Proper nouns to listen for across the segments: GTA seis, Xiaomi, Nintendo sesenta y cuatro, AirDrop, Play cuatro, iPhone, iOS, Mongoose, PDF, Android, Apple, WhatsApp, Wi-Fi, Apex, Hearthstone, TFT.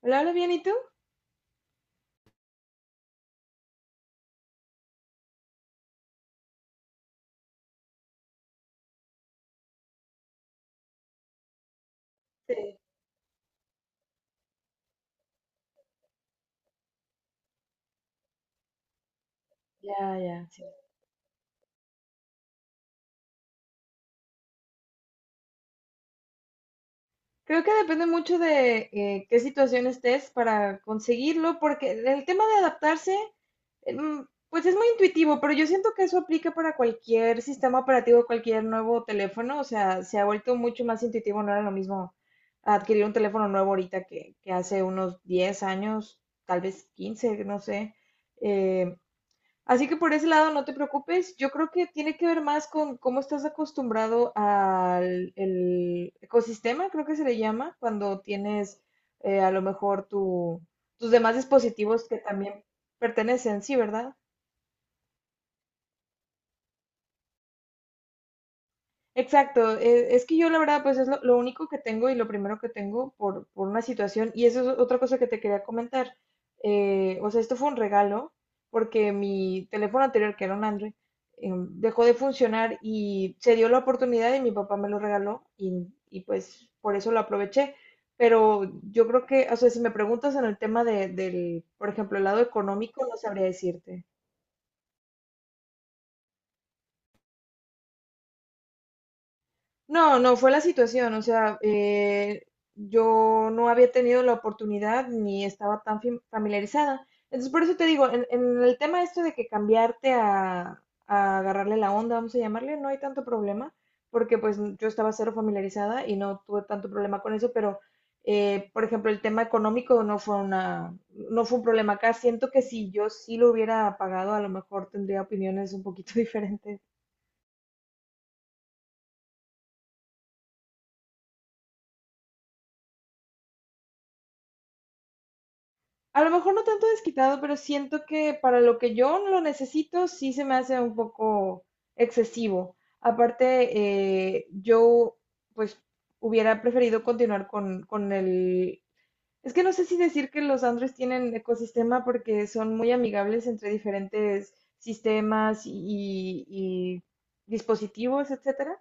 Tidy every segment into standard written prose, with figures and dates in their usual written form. Hola, hola, bien, ¿y tú? Sí, ya, ya, sí. Creo que depende mucho de qué situación estés para conseguirlo, porque el tema de adaptarse, pues es muy intuitivo, pero yo siento que eso aplica para cualquier sistema operativo, cualquier nuevo teléfono, o sea, se ha vuelto mucho más intuitivo, no era lo mismo adquirir un teléfono nuevo ahorita que hace unos 10 años, tal vez 15, no sé. Eh, Así que por ese lado no te preocupes. Yo creo que tiene que ver más con cómo estás acostumbrado al el ecosistema, creo que se le llama, cuando tienes a lo mejor tus demás dispositivos que también pertenecen, sí, ¿verdad? Exacto, es que yo la verdad pues es lo único que tengo y lo primero que tengo por una situación y eso es otra cosa que te quería comentar. O sea, esto fue un regalo porque mi teléfono anterior, que era un Android, dejó de funcionar y se dio la oportunidad y mi papá me lo regaló y pues por eso lo aproveché. Pero yo creo que, o sea, si me preguntas en el tema del, por ejemplo, el lado económico, no sabría decirte. No, no, fue la situación, o sea, yo no había tenido la oportunidad ni estaba tan familiarizada. Entonces, por eso te digo, en el tema esto de que cambiarte a agarrarle la onda, vamos a llamarle, no hay tanto problema, porque pues yo estaba cero familiarizada y no tuve tanto problema con eso, pero, por ejemplo, el tema económico no fue una, no fue un problema acá. Siento que si yo sí lo hubiera pagado, a lo mejor tendría opiniones un poquito diferentes. A lo mejor no tanto desquitado, pero siento que para lo que yo lo necesito sí se me hace un poco excesivo. Aparte, yo pues hubiera preferido continuar con el... Es que no sé si decir que los Androids tienen ecosistema porque son muy amigables entre diferentes sistemas y dispositivos, etcétera.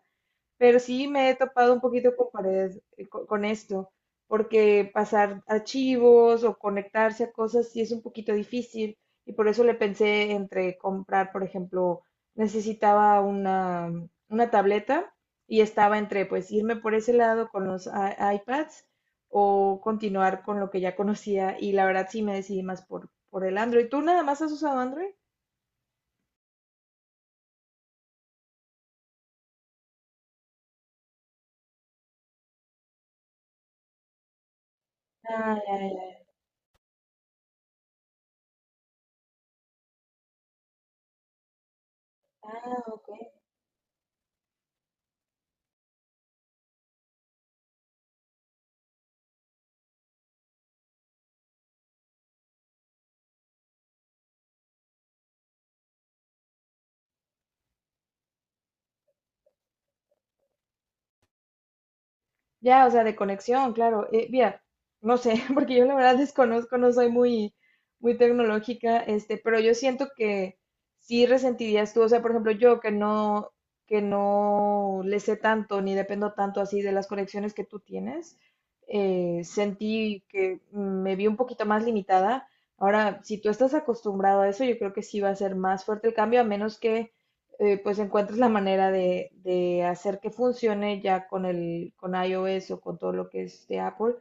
Pero sí me he topado un poquito con pared con esto, porque pasar archivos o conectarse a cosas sí es un poquito difícil y por eso le pensé entre comprar, por ejemplo, necesitaba una tableta y estaba entre pues irme por ese lado con los iPads o continuar con lo que ya conocía y la verdad sí me decidí más por el Android. ¿Tú nada más has usado Android? Ah, ya, ya. Ah, ok. Ya, o sea, de conexión, claro. Mira, no sé, porque yo la verdad desconozco, no soy muy tecnológica, este, pero yo siento que sí resentirías tú, o sea, por ejemplo, yo que no le sé tanto ni dependo tanto así de las conexiones que tú tienes, sentí que me vi un poquito más limitada. Ahora, si tú estás acostumbrado a eso, yo creo que sí va a ser más fuerte el cambio, a menos que pues encuentras la manera de hacer que funcione ya con el con iOS o con todo lo que es de Apple.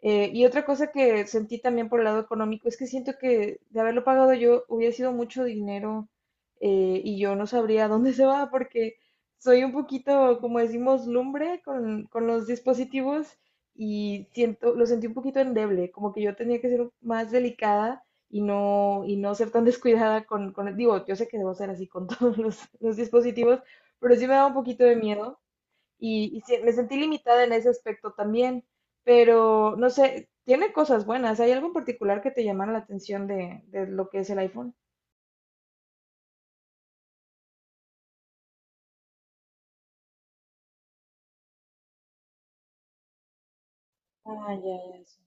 Y otra cosa que sentí también por el lado económico es que siento que de haberlo pagado yo hubiera sido mucho dinero y yo no sabría a dónde se va porque soy un poquito, como decimos, lumbre con los dispositivos y siento, lo sentí un poquito endeble, como que yo tenía que ser más delicada y no ser tan descuidada digo, yo sé que debo ser así con todos los dispositivos, pero sí me da un poquito de miedo y sí, me sentí limitada en ese aspecto también, pero no sé, tiene cosas buenas. ¿Hay algo en particular que te llamara la atención de lo que es el iPhone? Ah, ya, ya, sí.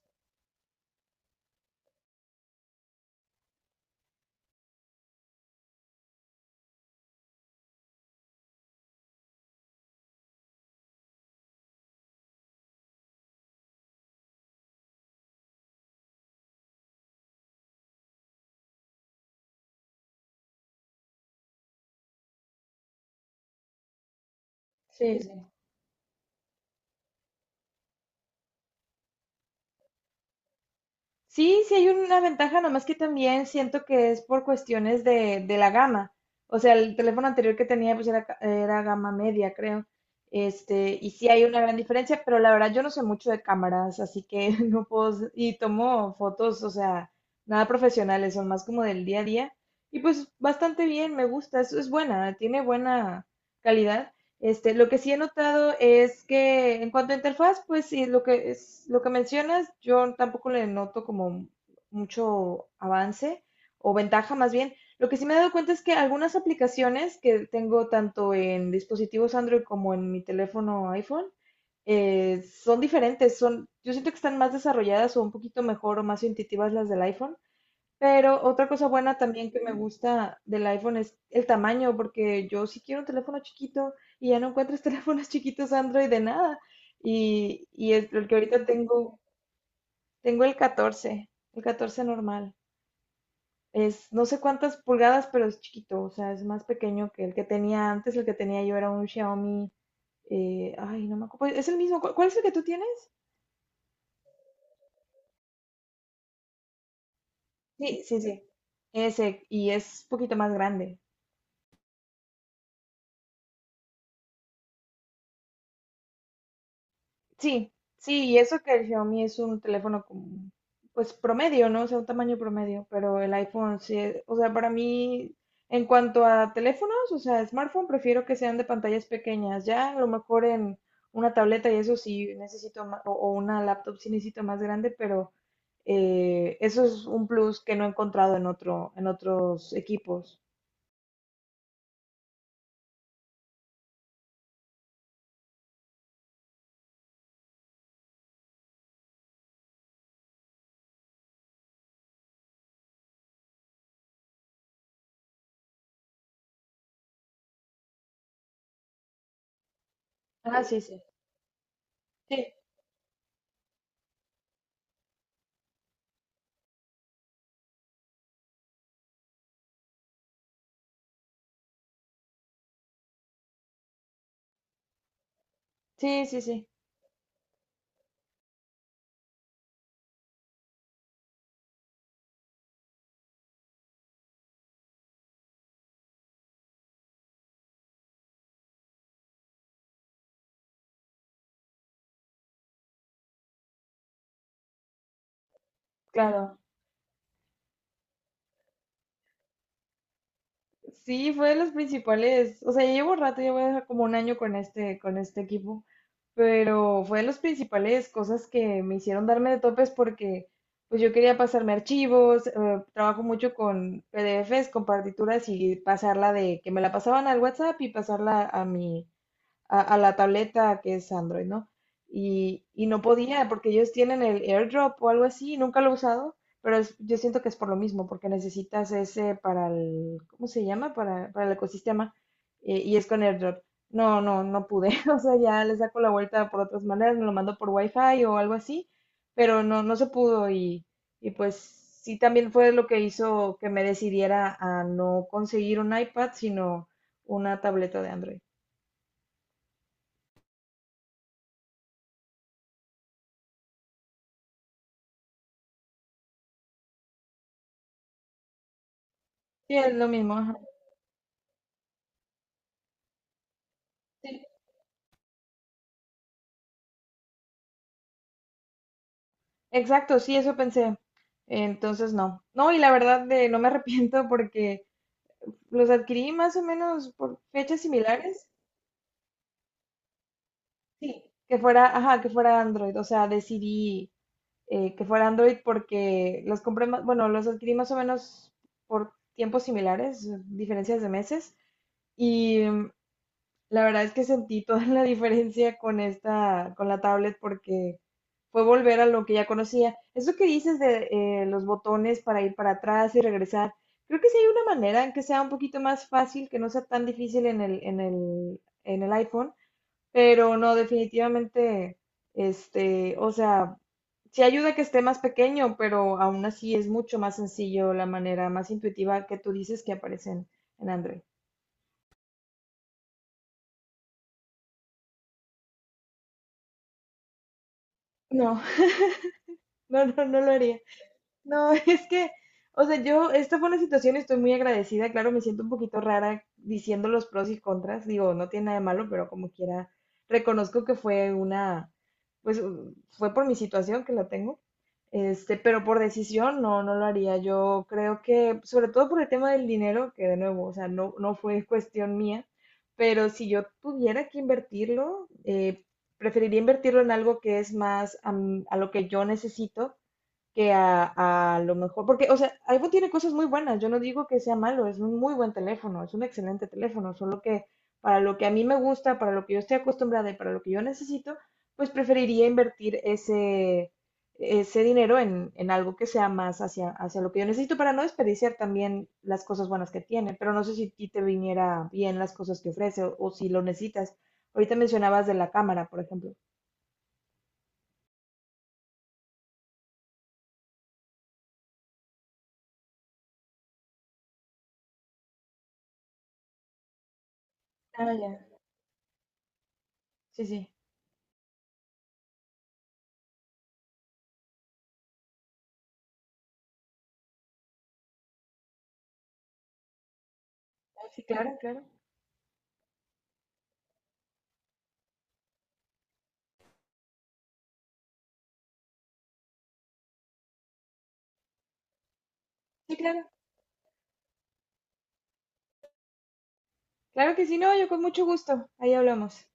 Sí, sí, sí, sí. Sí, sí hay una ventaja, nomás que también siento que es por cuestiones de la gama. O sea, el teléfono anterior que tenía pues era, era gama media, creo. Este, y sí hay una gran diferencia, pero la verdad yo no sé mucho de cámaras, así que no puedo, y tomo fotos, o sea, nada profesionales, son más como del día a día. Y pues bastante bien, me gusta, es buena, tiene buena calidad. Este, lo que sí he notado es que en cuanto a interfaz, pues sí, lo que es, lo que mencionas, yo tampoco le noto como mucho avance o ventaja más bien. Lo que sí me he dado cuenta es que algunas aplicaciones que tengo tanto en dispositivos Android como en mi teléfono iPhone son diferentes, son, yo siento que están más desarrolladas o un poquito mejor o más intuitivas las del iPhone. Pero otra cosa buena también que me gusta del iPhone es el tamaño, porque yo sí quiero un teléfono chiquito y ya no encuentras teléfonos chiquitos Android de nada. Y es el que ahorita tengo, tengo el 14, el 14 normal. Es no sé cuántas pulgadas, pero es chiquito, o sea, es más pequeño que el que tenía antes. El que tenía yo era un Xiaomi, ay, no me acuerdo. Pues, es el mismo, ¿cuál es el que tú tienes? Sí, sí, sí. Ese, y es un poquito más grande. Sí, sí, y eso que el Xiaomi es un teléfono como, pues promedio, ¿no? O sea, un tamaño promedio, pero el iPhone sí, o sea, para mí, en cuanto a teléfonos, o sea, smartphone, prefiero que sean de pantallas pequeñas. Ya a lo mejor en una tableta y eso sí necesito más, o una laptop sí necesito más grande, pero eso es un plus que no he encontrado en otro, en otros equipos. Ah, sí, sí. Sí, sí, sí, sí, claro. Sí, fue de los principales. O sea, ya llevo rato, ya voy a dejar como un año con este equipo. Pero fue de los principales cosas que me hicieron darme de topes porque pues yo quería pasarme archivos, trabajo mucho con PDFs, con partituras y pasarla de que me la pasaban al WhatsApp y pasarla a mi, a la tableta que es Android, ¿no? Y no podía, porque ellos tienen el AirDrop o algo así, nunca lo he usado, pero yo siento que es por lo mismo, porque necesitas ese para el, ¿cómo se llama? Para el ecosistema, y es con AirDrop. No, no, no pude, o sea, ya le saco la vuelta por otras maneras, me lo mando por Wi-Fi o algo así, pero no, no se pudo y pues sí también fue lo que hizo que me decidiera a no conseguir un iPad, sino una tableta de Android. Sí, es lo mismo, ajá. Sí, exacto, sí, eso pensé. Entonces, no. No, y la verdad de no me arrepiento porque los adquirí más o menos por fechas similares. Sí. Que fuera, ajá, que fuera Android. O sea, decidí que fuera Android porque los compré más, bueno, los adquirí más o menos por tiempos similares, diferencias de meses. Y mm, la verdad es que sentí toda la diferencia con esta, con la tablet porque fue volver a lo que ya conocía. Eso que dices de los botones para ir para atrás y regresar, creo que sí hay una manera en que sea un poquito más fácil, que no sea tan difícil en el iPhone, pero no, definitivamente, este, o sea, sí ayuda que esté más pequeño, pero aún así es mucho más sencillo la manera más intuitiva que tú dices que aparecen en Android. No, no, no, no lo haría. No, es que, o sea, yo, esta fue una situación, estoy muy agradecida, claro, me siento un poquito rara diciendo los pros y contras, digo, no tiene nada de malo, pero como quiera, reconozco que fue una, pues fue por mi situación que la tengo, este, pero por decisión no, no lo haría, yo creo que, sobre todo por el tema del dinero, que de nuevo, o sea, no, no fue cuestión mía, pero si yo tuviera que invertirlo, preferiría invertirlo en algo que es más a lo que yo necesito que a lo mejor, porque, o sea, iPhone tiene cosas muy buenas, yo no digo que sea malo, es un muy buen teléfono, es un excelente teléfono, solo que para lo que a mí me gusta, para lo que yo estoy acostumbrada y para lo que yo necesito, pues preferiría invertir ese, ese dinero en algo que sea más hacia, hacia lo que yo necesito para no desperdiciar también las cosas buenas que tiene, pero no sé si a ti te viniera bien las cosas que ofrece o si lo necesitas. Ahorita mencionabas de la cámara, por ejemplo. Ah, ya. Sí, sí. Ah, sí, claro, claro. Sí, claro. Claro que sí, no, yo con mucho gusto. Ahí hablamos.